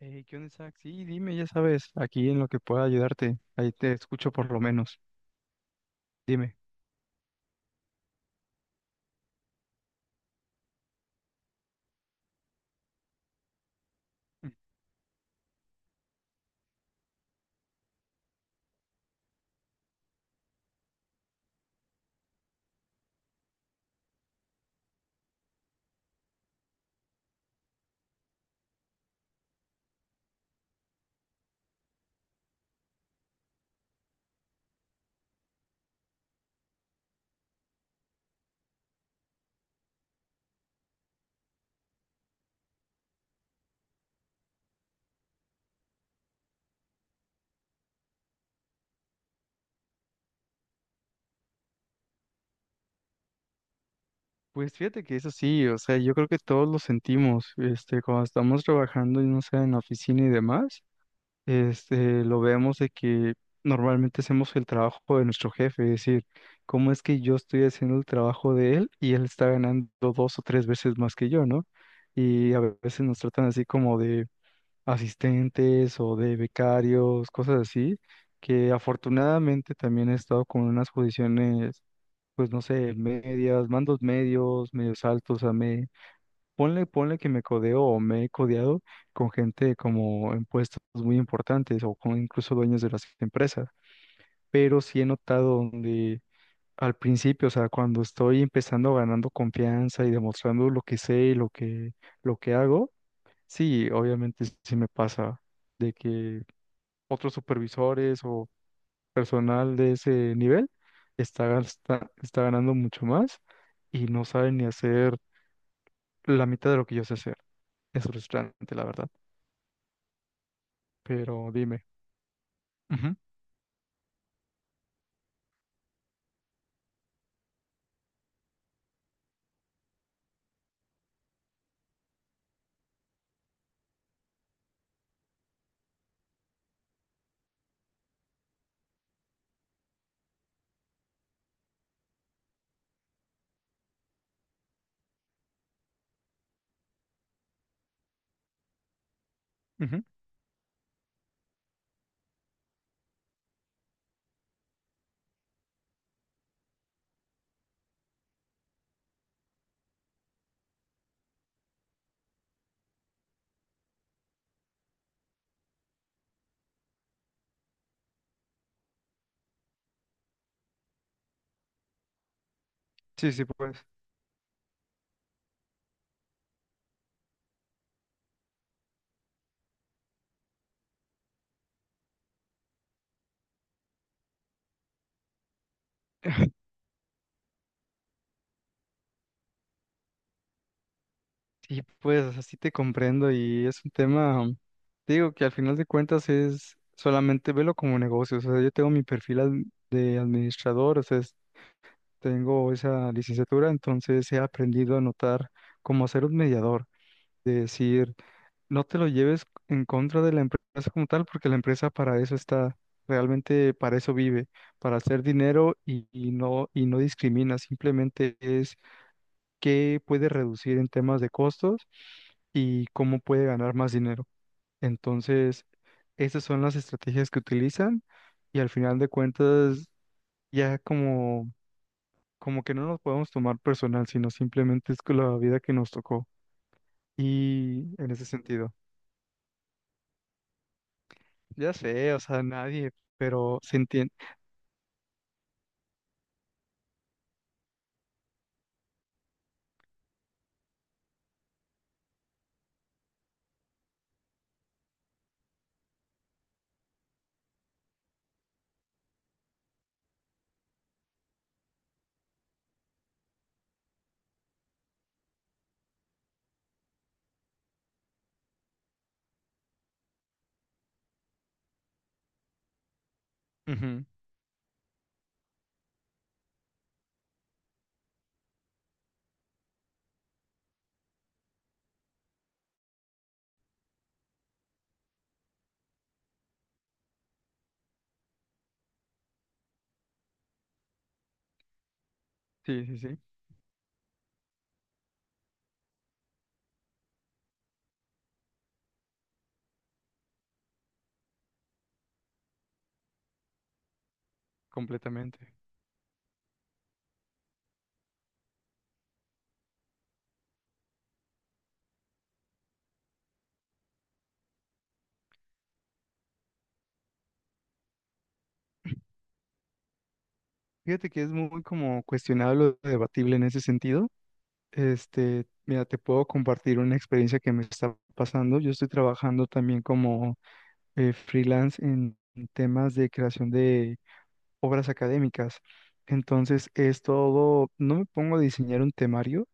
Hey, ¿qué onda, Isaac? Sí, dime, ya sabes, aquí en lo que pueda ayudarte. Ahí te escucho por lo menos. Dime. Mm. Pues fíjate que eso sí, o sea, yo creo que todos lo sentimos, cuando estamos trabajando, y no sé, en la oficina y demás, lo vemos de que normalmente hacemos el trabajo de nuestro jefe, es decir, ¿cómo es que yo estoy haciendo el trabajo de él y él está ganando dos o tres veces más que yo?, ¿no? Y a veces nos tratan así como de asistentes o de becarios, cosas así, que afortunadamente también he estado con unas posiciones, pues no sé, medias, mandos medios, medios altos, ponle que me codeo o me he codeado con gente como en puestos muy importantes o con incluso dueños de las empresas, pero sí he notado donde al principio, o sea, cuando estoy empezando ganando confianza y demostrando lo que sé y lo que hago, sí, obviamente sí me pasa de que otros supervisores o personal de ese nivel está ganando mucho más y no saben ni hacer la mitad de lo que yo sé hacer. Es frustrante, la verdad. Pero dime. Ujú, ujú. Sí, sí, pues. Sí, pues así te comprendo y es un tema, te digo que al final de cuentas es solamente velo como negocio. O sea, yo tengo mi perfil de administrador, o sea, tengo esa licenciatura, entonces he aprendido a notar cómo hacer un mediador, de decir, no te lo lleves en contra de la empresa como tal, porque la empresa para eso está, realmente para eso vive, para hacer dinero y no discrimina, simplemente es qué puede reducir en temas de costos y cómo puede ganar más dinero. Entonces, esas son las estrategias que utilizan y al final de cuentas, ya como, como que no nos podemos tomar personal, sino simplemente es que la vida que nos tocó y en ese sentido. Ya sé, o sea, nadie, pero se entiende. Ujú, sí, sí, sí, completamente. Fíjate que es muy como cuestionable o debatible en ese sentido. Mira, te puedo compartir una experiencia que me está pasando. Yo estoy trabajando también como freelance en temas de creación de obras académicas. Entonces es todo, no me pongo a diseñar un temario,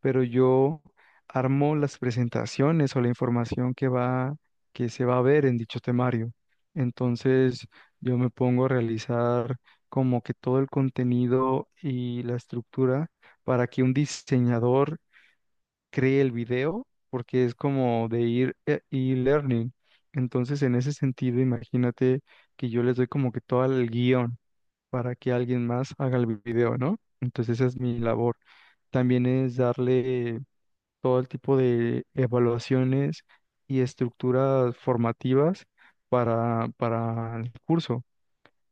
pero yo armo las presentaciones o la información que va, que se va a ver en dicho temario. Entonces yo me pongo a realizar como que todo el contenido y la estructura para que un diseñador cree el video, porque es como de ir e-learning. Entonces, en ese sentido, imagínate que yo les doy como que todo el guión para que alguien más haga el video, ¿no? Entonces esa es mi labor. También es darle todo el tipo de evaluaciones y estructuras formativas para el curso.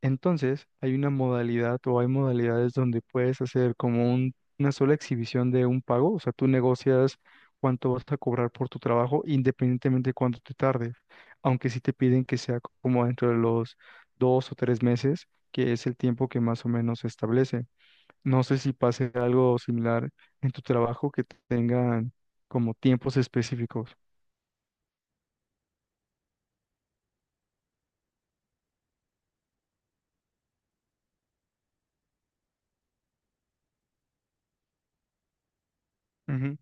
Entonces, hay una modalidad o hay modalidades donde puedes hacer como una sola exhibición de un pago, o sea, tú negocias cuánto vas a cobrar por tu trabajo independientemente de cuánto te tardes, aunque sí te piden que sea como dentro de los 2 o 3 meses, que es el tiempo que más o menos se establece. No sé si pase algo similar en tu trabajo que tengan como tiempos específicos. Ujú,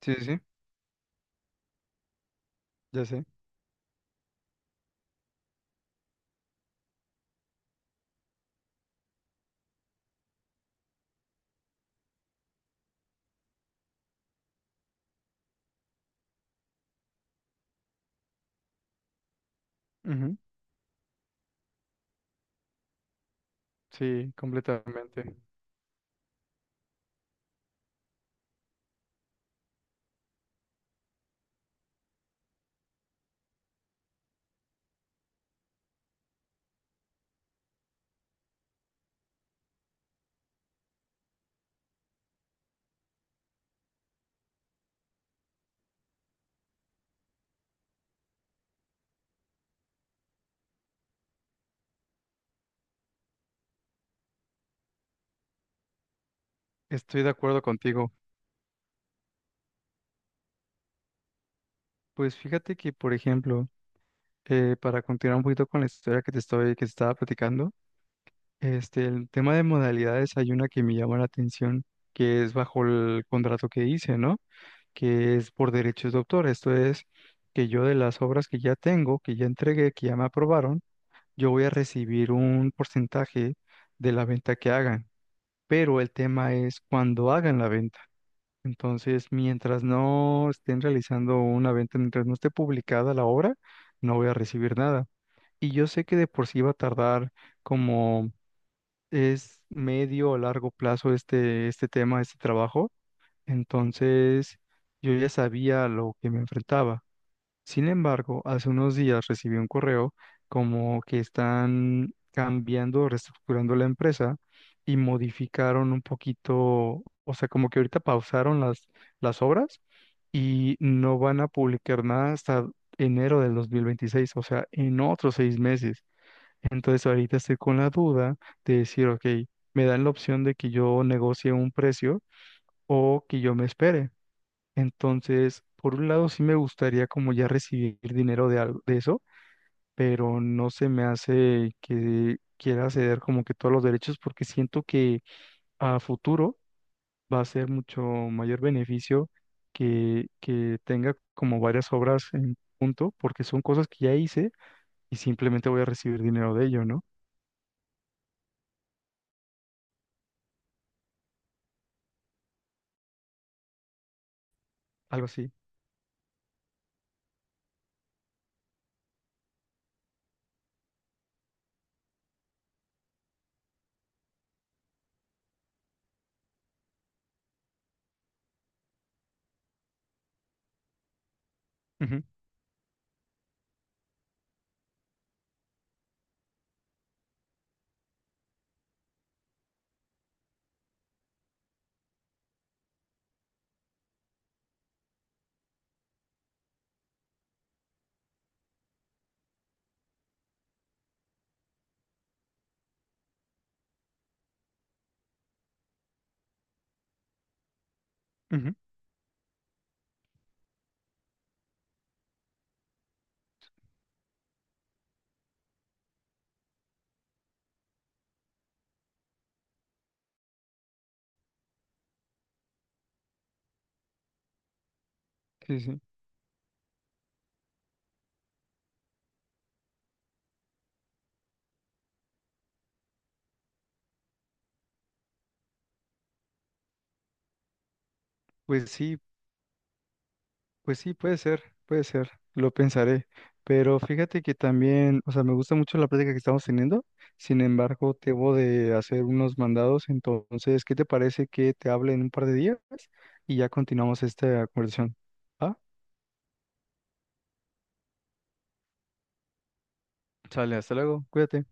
sí, sí, sí, ya sé. Ujú, sí, completamente. Estoy de acuerdo contigo. Pues fíjate que, por ejemplo, para continuar un poquito con la historia que te estaba platicando, el tema de modalidades hay una que me llama la atención, que es bajo el contrato que hice, ¿no? Que es por derechos de autor. Esto es que yo de las obras que ya tengo, que ya entregué, que ya me aprobaron, yo voy a recibir un porcentaje de la venta que hagan. Pero el tema es cuando hagan la venta. Entonces, mientras no estén realizando una venta, mientras no esté publicada la obra, no voy a recibir nada. Y yo sé que de por sí va a tardar como es medio o largo plazo este tema, este trabajo. Entonces, yo ya sabía a lo que me enfrentaba. Sin embargo, hace unos días recibí un correo como que están cambiando, reestructurando la empresa y modificaron un poquito, o sea, como que ahorita pausaron las obras y no van a publicar nada hasta enero del 2026, o sea, en otros 6 meses. Entonces ahorita estoy con la duda de decir, ok, me dan la opción de que yo negocie un precio o que yo me espere. Entonces, por un lado sí me gustaría como ya recibir dinero de algo de eso, pero no se me hace que quiera ceder como que todos los derechos porque siento que a futuro va a ser mucho mayor beneficio que tenga como varias obras en punto, porque son cosas que ya hice y simplemente voy a recibir dinero de ello, ¿no? Algo así. Ujú, ujú. Sí, sí. Pues sí, pues sí, puede ser, lo pensaré. Pero fíjate que también, o sea, me gusta mucho la plática que estamos teniendo. Sin embargo, debo de hacer unos mandados. Entonces, ¿qué te parece que te hable en un par de días? Y ya continuamos esta conversación. Ah, sale, hasta luego, cuídate.